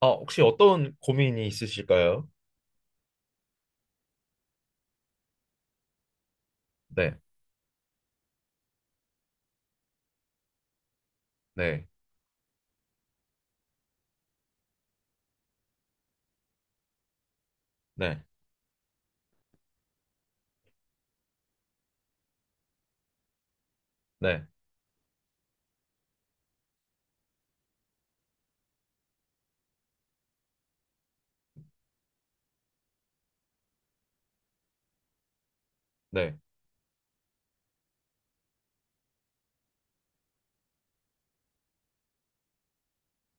아, 혹시 어떤 고민이 있으실까요? 네, 네, 네, 네, 네.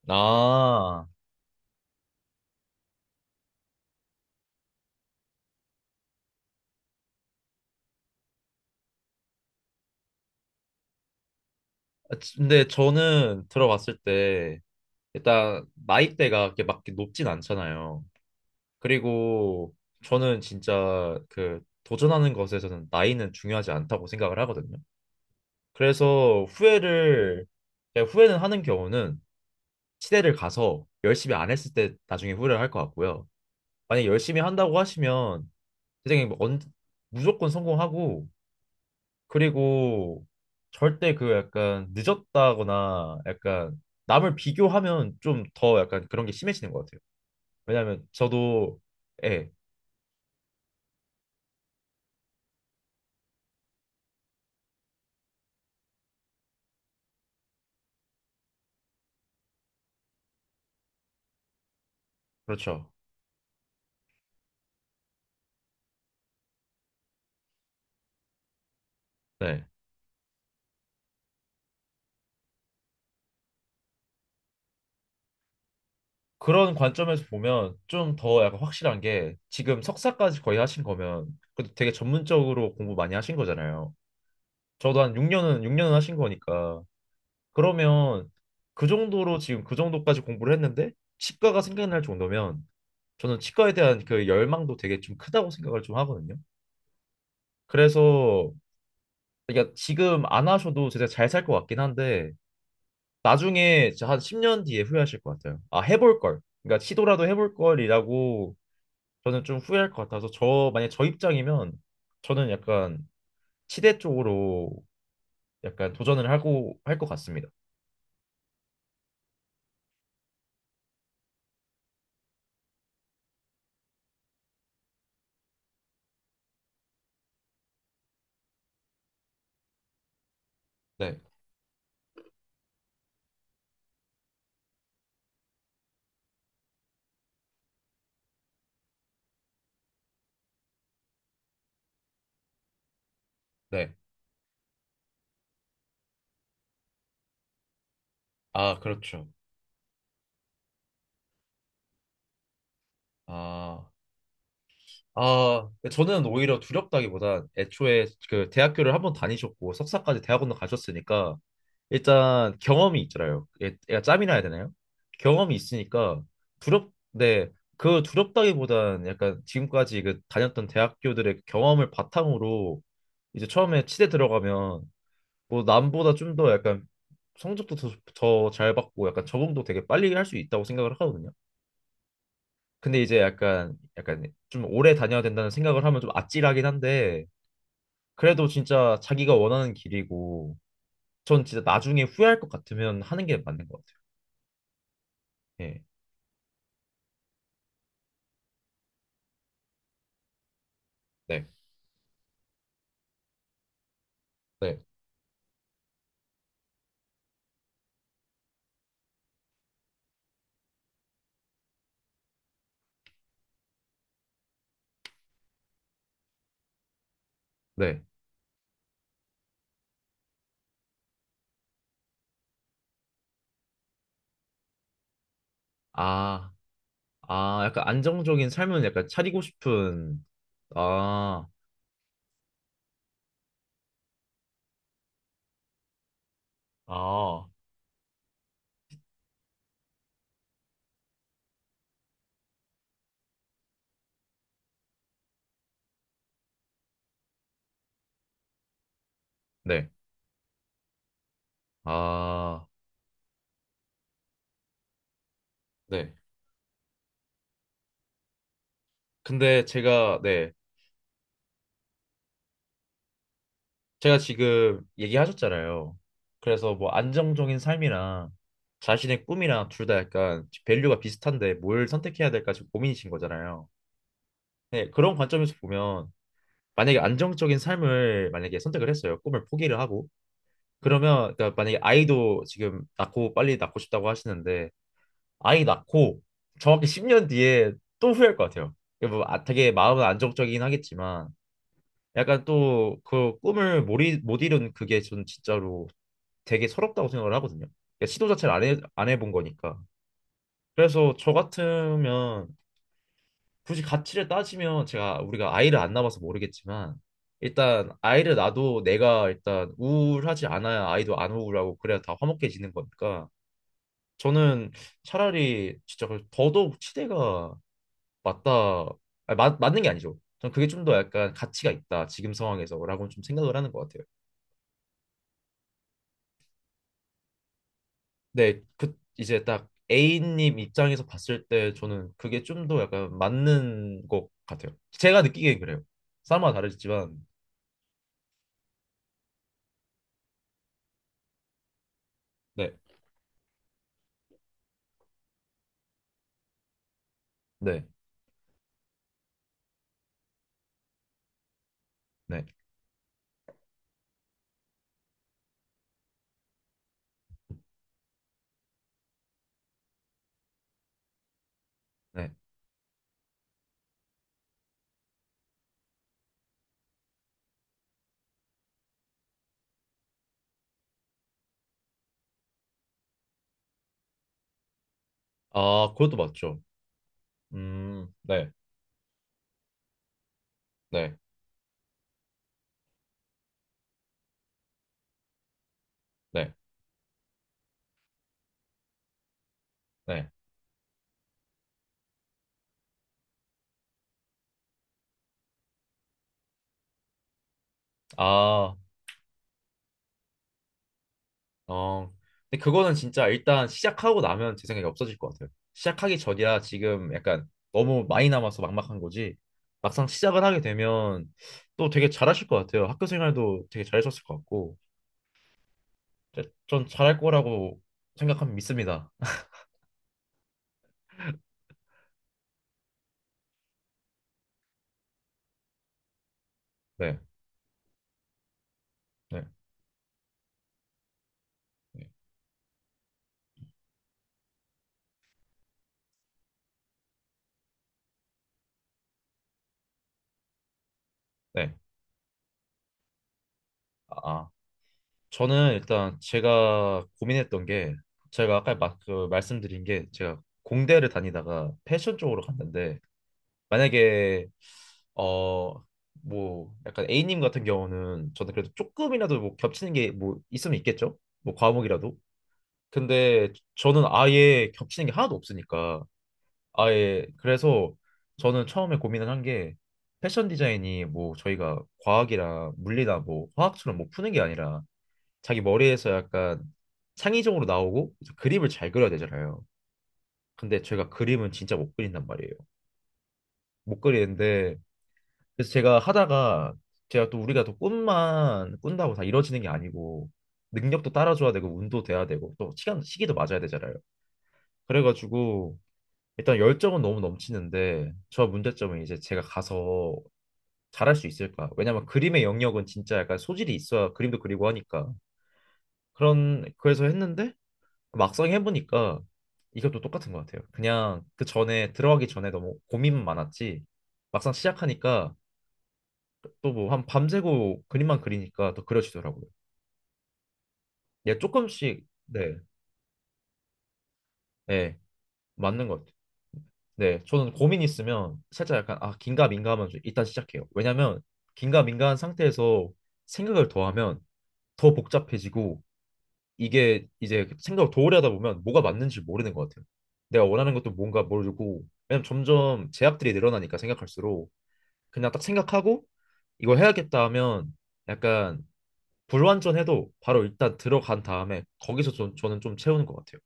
아, 근데 저는 들어봤을 때 일단 나이대가 이렇게 막렇게 높진 않잖아요. 그리고 저는 진짜 그 도전하는 것에서는 나이는 중요하지 않다고 생각을 하거든요. 그래서 후회를 그냥 후회는 하는 경우는 시대를 가서 열심히 안 했을 때 나중에 후회를 할 것 같고요. 만약 열심히 한다고 하시면 선생님 뭐 무조건 성공하고 그리고 절대 그 약간 늦었다거나 약간 남을 비교하면 좀 더 약간 그런 게 심해지는 것 같아요. 왜냐하면 저도 예 그렇죠. 네, 그런 관점에서 보면 좀 더 약간 확실한 게 지금 석사까지 거의 하신 거면 그래도 되게 전문적으로 공부 많이 하신 거잖아요. 저도 한 6년은 하신 거니까 그러면 그 정도로 지금 그 정도까지 공부를 했는데 치과가 생각날 정도면 저는 치과에 대한 그 열망도 되게 좀 크다고 생각을 하거든요. 그래서 그러니까 지금 안 하셔도 제가 잘 살 것 같긴 한데 나중에 진짜 한 10년 뒤에 후회하실 것 같아요. 아, 해볼 걸. 그러니까 시도라도 해볼 걸이라고 저는 좀 후회할 것 같아서 만약 저 입장이면 저는 약간 치대 쪽으로 약간 도전을 하고 할 것 같습니다. 네. 네. 아, 그렇죠. 아. 아, 그 저는 오히려 두렵다기보단 애초에 그 대학교를 한번 다니셨고 석사까지 대학원도 가셨으니까 일단 경험이 있잖아요. 얘가 짬이나 해야 되나요? 경험이 있으니까 네, 그 두렵다기보단 약간 지금까지 그 다녔던 대학교들의 경험을 바탕으로 이제 처음에 치대 들어가면 뭐 남보다 좀 더 약간 성적도 더 잘 받고 약간 적응도 되게 빨리 할 수 있다고 생각을 하거든요. 근데 이제 약간 좀 오래 다녀야 된다는 생각을 하면 좀 아찔하긴 한데 그래도 진짜 자기가 원하는 길이고 전 진짜 나중에 후회할 것 같으면 하는 게 맞는 것 같아요. 예. 네. 네. 네. 아, 아, 약간 안정적인 삶은 약간 차리고 싶은. 아, 아, 네. 아, 네. 근데 제가 네. 제가 지금 얘기하셨잖아요. 그래서 뭐 안정적인 삶이랑 자신의 꿈이랑 둘 다 약간 밸류가 비슷한데 뭘 선택해야 될까 지금 고민이신 거잖아요. 네, 그런 관점에서 보면 만약에 안정적인 삶을 만약에 선택을 했어요. 꿈을 포기를 하고. 그러면 그러니까 만약에 아이도 지금 낳고 빨리 낳고 싶다고 하시는데 아이 낳고 정확히 10년 뒤에 또 후회할 것 같아요. 이게 뭐 아, 되게 마음은 안정적이긴 하겠지만 약간 또 그 꿈을 못 이룬 그게 전 진짜로 되게 서럽다고 생각을 하거든요. 그러니까 시도 자체를 안 해본 거니까. 그래서 저 같으면 굳이 가치를 따지면 제가 우리가 아이를 안 낳아서 모르겠지만 일단 아이를 낳아도 내가 일단 우울하지 않아야 아이도 안 우울하고 그래야 다 화목해지는 거니까 저는 차라리 진짜 그 더더욱 치대가 맞다 아니, 맞, 맞는 게 아니죠. 전 그게 좀 더 약간 가치가 있다 지금 상황에서라고 좀 생각을 하는 것 같아요. 네, 그 이제 딱 A님 입장에서 봤을 때 저는 그게 좀 더 약간 맞는 것 같아요. 제가 느끼기엔 그래요. 사람마다 다르지만 네, 네, 네, 네. 아, 그것도 맞죠. 네, 네, 네, 네. 아, 어, 근데 그거는 진짜 일단 시작하고 나면 제 생각에 없어질 것 같아요. 시작하기 전이라 지금 약간 너무 많이 남아서 막막한 거지. 막상 시작을 하게 되면 또 되게 잘하실 것 같아요. 학교 생활도 되게 잘하셨을 것 같고. 전 잘할 거라고 생각하면 믿습니다. 네, 네, 네. 네. 아, 아. 저는 일단 제가 고민했던 게 제가 아까 그 말씀드린 게 제가 공대를 다니다가 패션 쪽으로 갔는데 만약에 어 뭐 약간 A님 같은 경우는 저는 그래도 조금이라도 뭐 겹치는 게 뭐 있으면 있겠죠? 뭐 과목이라도. 근데 저는 아예 겹치는 게 하나도 없으니까 아예 그래서 저는 처음에 고민을 한 게 패션 디자인이 뭐 저희가 과학이나 물리나 뭐 화학처럼 뭐 푸는 게 아니라 자기 머리에서 약간 창의적으로 나오고 이제 그림을 잘 그려야 되잖아요. 근데 제가 그림은 진짜 못 그린단 말이에요. 못 그리는데 그래서 제가 하다가 제가 또 우리가 또 꿈만 꾼다고 다 이루어지는 게 아니고 능력도 따라줘야 되고 운도 돼야 되고 또 시간 시기도 맞아야 되잖아요. 그래가지고 일단 열정은 너무 넘치는데 저 문제점은 이제 제가 가서 잘할 수 있을까? 왜냐면 그림의 영역은 진짜 약간 소질이 있어야 그림도 그리고 하니까 그런 그래서 했는데 막상 해보니까 이것도 똑같은 것 같아요. 그냥 그 전에 들어가기 전에 너무 고민만 많았지 막상 시작하니까 또 뭐 한 밤새고 그림만 그리니까 더 그려지더라고요. 예, 조금씩 네, 예, 맞는 것 같아요. 네, 저는 고민 있으면 살짝 약간 아 긴가 민가하면 좀 일단 시작해요. 왜냐면 긴가 민가한 상태에서 생각을 더하면 더 복잡해지고 이게 이제 생각을 도래하다 보면 뭐가 맞는지 모르는 것 같아요. 내가 원하는 것도 뭔가 모르고 왜냐면 점점 제약들이 늘어나니까 생각할수록 그냥 딱 생각하고 이거 해야겠다 하면 약간 불완전해도 바로 일단 들어간 다음에 거기서 저는 좀 채우는 것 같아요.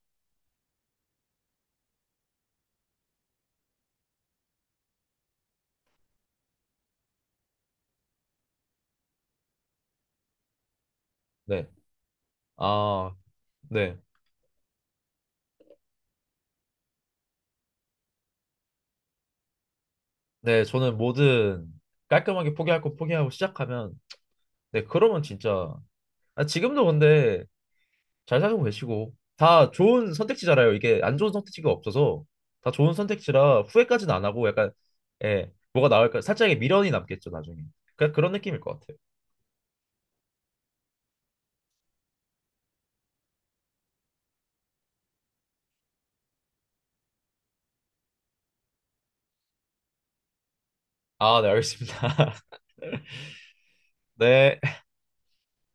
네, 아, 네. 네, 저는 뭐든 깔끔하게 포기할 거 포기하고 시작하면, 네, 그러면 진짜, 아, 지금도 근데 잘 살고 계시고, 다 좋은 선택지잖아요. 이게 안 좋은 선택지가 없어서, 다 좋은 선택지라 후회까지는 안 하고, 약간, 예, 뭐가 나올까, 살짝의 미련이 남겠죠, 나중에. 그냥 그런 느낌일 것 같아요. 아, 네, 알겠습니다. 네.